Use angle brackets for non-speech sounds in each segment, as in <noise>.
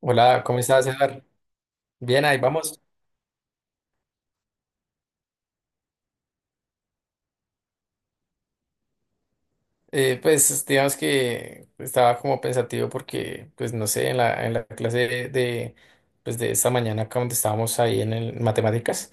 Hola, ¿cómo estás, Edgar? Bien, ahí vamos. Pues digamos que estaba como pensativo porque, pues no sé, en la clase de esta mañana acá donde estábamos ahí en matemáticas.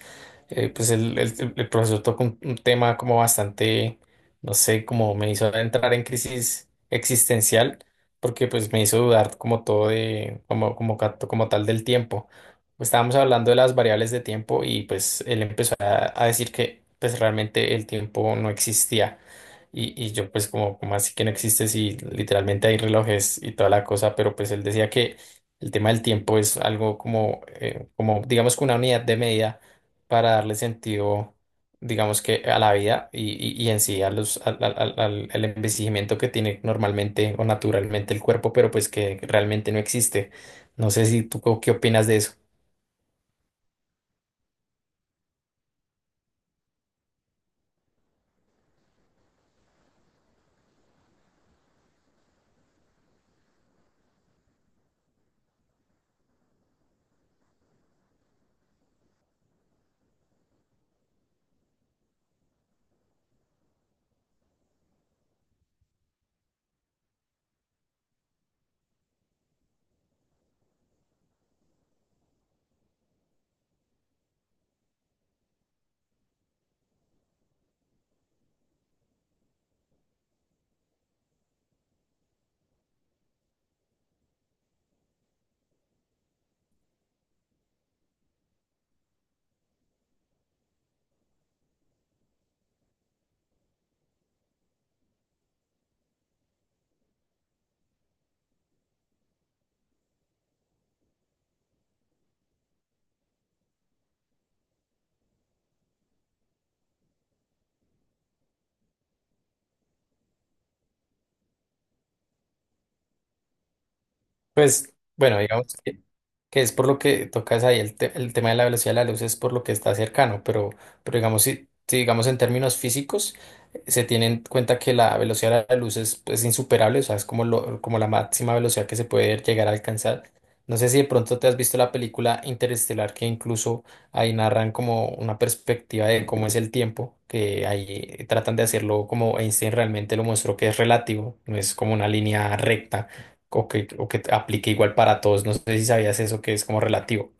El profesor tocó un tema como bastante, no sé, como me hizo entrar en crisis existencial porque pues me hizo dudar como todo de, como tal del tiempo. Pues, estábamos hablando de las variables de tiempo y pues él empezó a decir que pues realmente el tiempo no existía, y yo pues como, como así que no existe si literalmente hay relojes y toda la cosa, pero pues él decía que el tema del tiempo es algo como, como digamos que una unidad de medida para darle sentido, digamos que a la vida, y en sí a los, al, al, al- al- al envejecimiento que tiene normalmente o naturalmente el cuerpo, pero pues que realmente no existe. No sé si qué opinas de eso. Pues bueno, digamos. Que es por lo que tocas ahí el tema de la velocidad de la luz, es por lo que está cercano, pero digamos, si digamos en términos físicos, se tiene en cuenta que la velocidad de la luz es, pues, insuperable, o sea, es como lo, como la máxima velocidad que se puede llegar a alcanzar. No sé si de pronto te has visto la película Interestelar, que incluso ahí narran como una perspectiva de cómo es el tiempo, que ahí tratan de hacerlo como Einstein realmente lo mostró, que es relativo, no es como una línea recta o que aplique igual para todos. No sé si sabías eso, que es como relativo.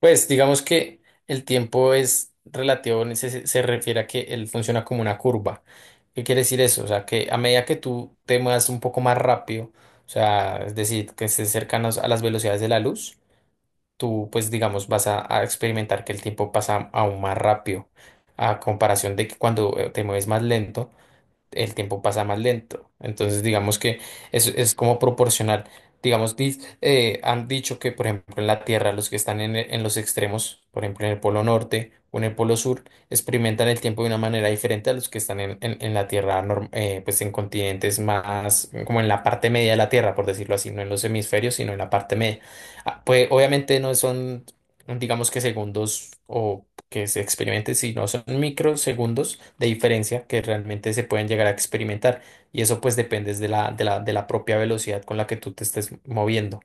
Pues digamos que el tiempo es relativo, en ese se refiere a que él funciona como una curva. ¿Qué quiere decir eso? O sea, que a medida que tú te muevas un poco más rápido, o sea, es decir, que estés cercanos a las velocidades de la luz, tú pues digamos vas a experimentar que el tiempo pasa aún más rápido a comparación de que cuando te mueves más lento, el tiempo pasa más lento. Entonces, digamos que es como proporcional. Digamos, han dicho que, por ejemplo, en la Tierra, los que están en los extremos, por ejemplo, en el Polo Norte o en el Polo Sur, experimentan el tiempo de una manera diferente a los que están en la Tierra, pues en continentes más, como en la parte media de la Tierra, por decirlo así, no en los hemisferios, sino en la parte media. Ah, pues obviamente no son, digamos que segundos o que se experimente, si no son microsegundos de diferencia que realmente se pueden llegar a experimentar. Y eso pues depende de la propia velocidad con la que tú te estés moviendo.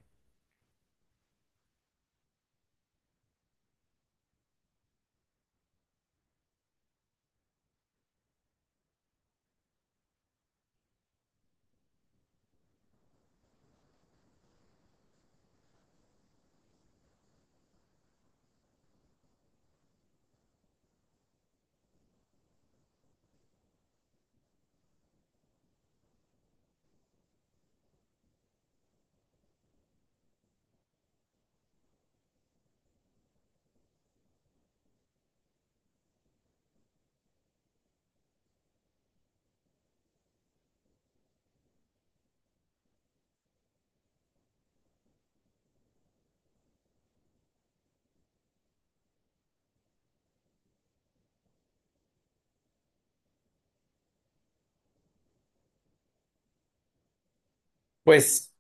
Pues,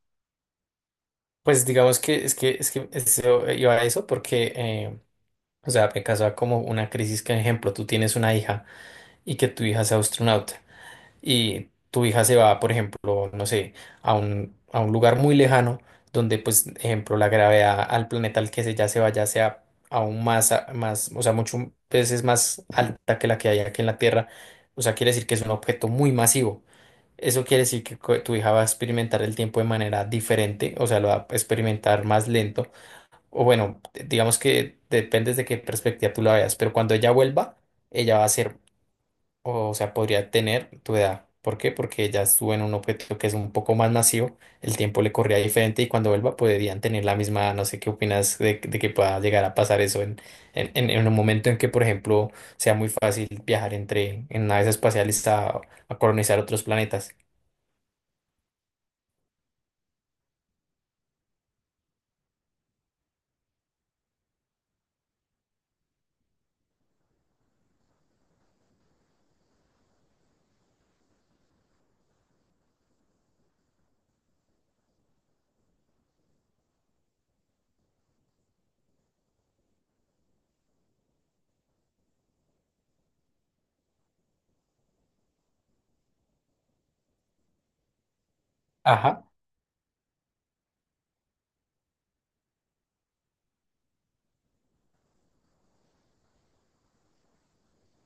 pues digamos que es que, es que eso, iba a eso porque, o sea, me causaba como una crisis que, ejemplo, tú tienes una hija y que tu hija sea astronauta. Y tu hija se va, por ejemplo, no sé, a un lugar muy lejano donde, pues, ejemplo, la gravedad al planeta al que se ya se vaya sea aún más, más, o sea, muchas veces más alta que la que hay aquí en la Tierra. O sea, quiere decir que es un objeto muy masivo. Eso quiere decir que tu hija va a experimentar el tiempo de manera diferente, o sea, lo va a experimentar más lento. O bueno, digamos que depende de qué perspectiva tú la veas, pero cuando ella vuelva, ella va a ser, o sea, podría tener tu edad. ¿Por qué? Porque ya estuvo en un objeto que es un poco más masivo, el tiempo le corría diferente, y cuando vuelva podrían tener la misma edad. No sé qué opinas de que pueda llegar a pasar eso en un momento en que, por ejemplo, sea muy fácil viajar entre en naves espaciales a colonizar otros planetas.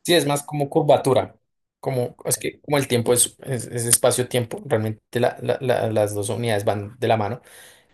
Sí, es más como curvatura, como es que como el tiempo es, es espacio-tiempo, realmente las dos unidades van de la mano.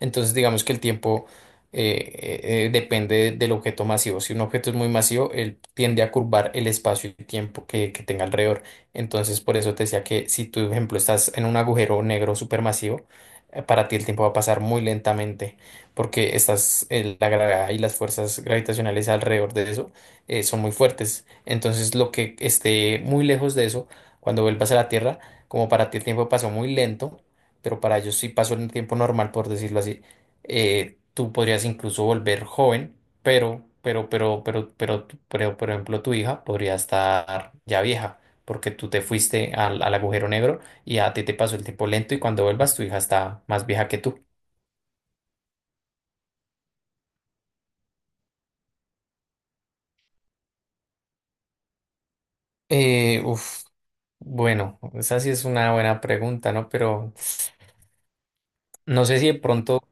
Entonces, digamos que el tiempo depende del objeto masivo. Si un objeto es muy masivo, él tiende a curvar el espacio y tiempo que tenga alrededor. Entonces, por eso te decía que si tú, por ejemplo, estás en un agujero negro supermasivo, para ti el tiempo va a pasar muy lentamente, porque estás, la gravedad y las fuerzas gravitacionales alrededor de eso son muy fuertes. Entonces, lo que esté muy lejos de eso, cuando vuelvas a la Tierra, como para ti el tiempo pasó muy lento, pero para ellos sí pasó el tiempo normal, por decirlo así, tú podrías incluso volver joven, pero, pero, por ejemplo, tu hija podría estar ya vieja, porque tú te fuiste al, al agujero negro, y a ti te pasó el tiempo lento, y cuando vuelvas tu hija está más vieja que tú. Uf, bueno, esa sí es una buena pregunta, ¿no? Pero no sé si de pronto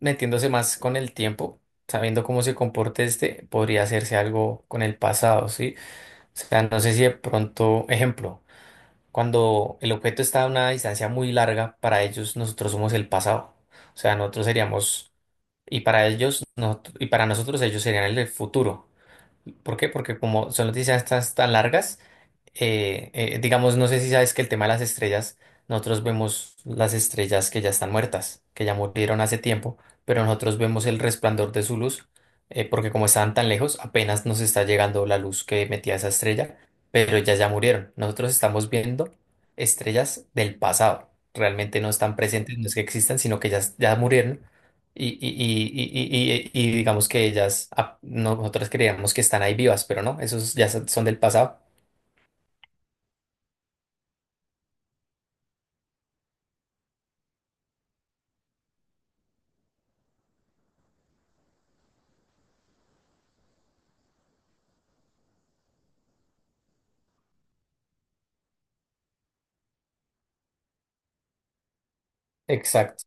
metiéndose más con el tiempo, sabiendo cómo se comporte este, podría hacerse algo con el pasado, ¿sí? O sea, no sé si de pronto, ejemplo, cuando el objeto está a una distancia muy larga, para ellos nosotros somos el pasado. O sea, nosotros seríamos, y para ellos, y para nosotros ellos serían el futuro. ¿Por qué? Porque como son las distancias tan largas, digamos, no sé si sabes que el tema de las estrellas, nosotros vemos las estrellas que ya están muertas, que ya murieron hace tiempo, pero nosotros vemos el resplandor de su luz, porque como estaban tan lejos, apenas nos está llegando la luz que metía esa estrella, pero ellas ya murieron. Nosotros estamos viendo estrellas del pasado, realmente no están presentes, no es que existan, sino que ya, ya murieron. Y digamos que ellas, ah, nosotros creíamos que están ahí vivas, pero no, esos ya son del pasado. Exacto.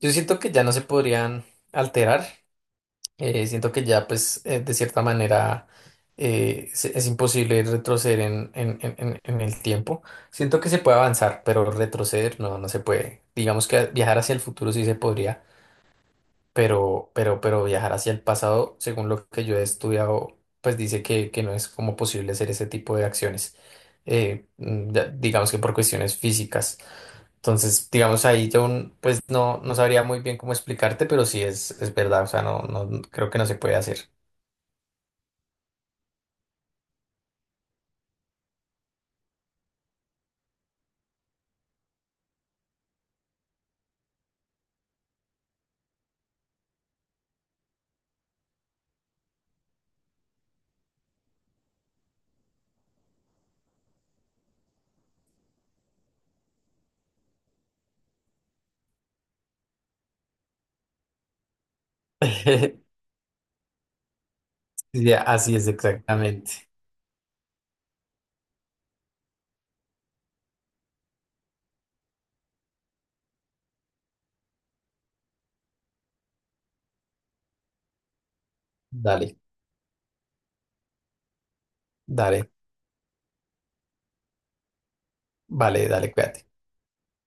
Yo siento que ya no se podrían alterar. Siento que ya, pues, de cierta manera es imposible retroceder en el tiempo. Siento que se puede avanzar, pero retroceder no, no se puede. Digamos que viajar hacia el futuro sí se podría, pero, pero viajar hacia el pasado, según lo que yo he estudiado, pues dice que no es como posible hacer ese tipo de acciones. Digamos que por cuestiones físicas. Entonces, digamos ahí yo pues no, no sabría muy bien cómo explicarte, pero sí es verdad, o sea, no, no creo que no se puede hacer. <laughs> Sí, así es exactamente. Dale, dale, vale, dale, cuídate.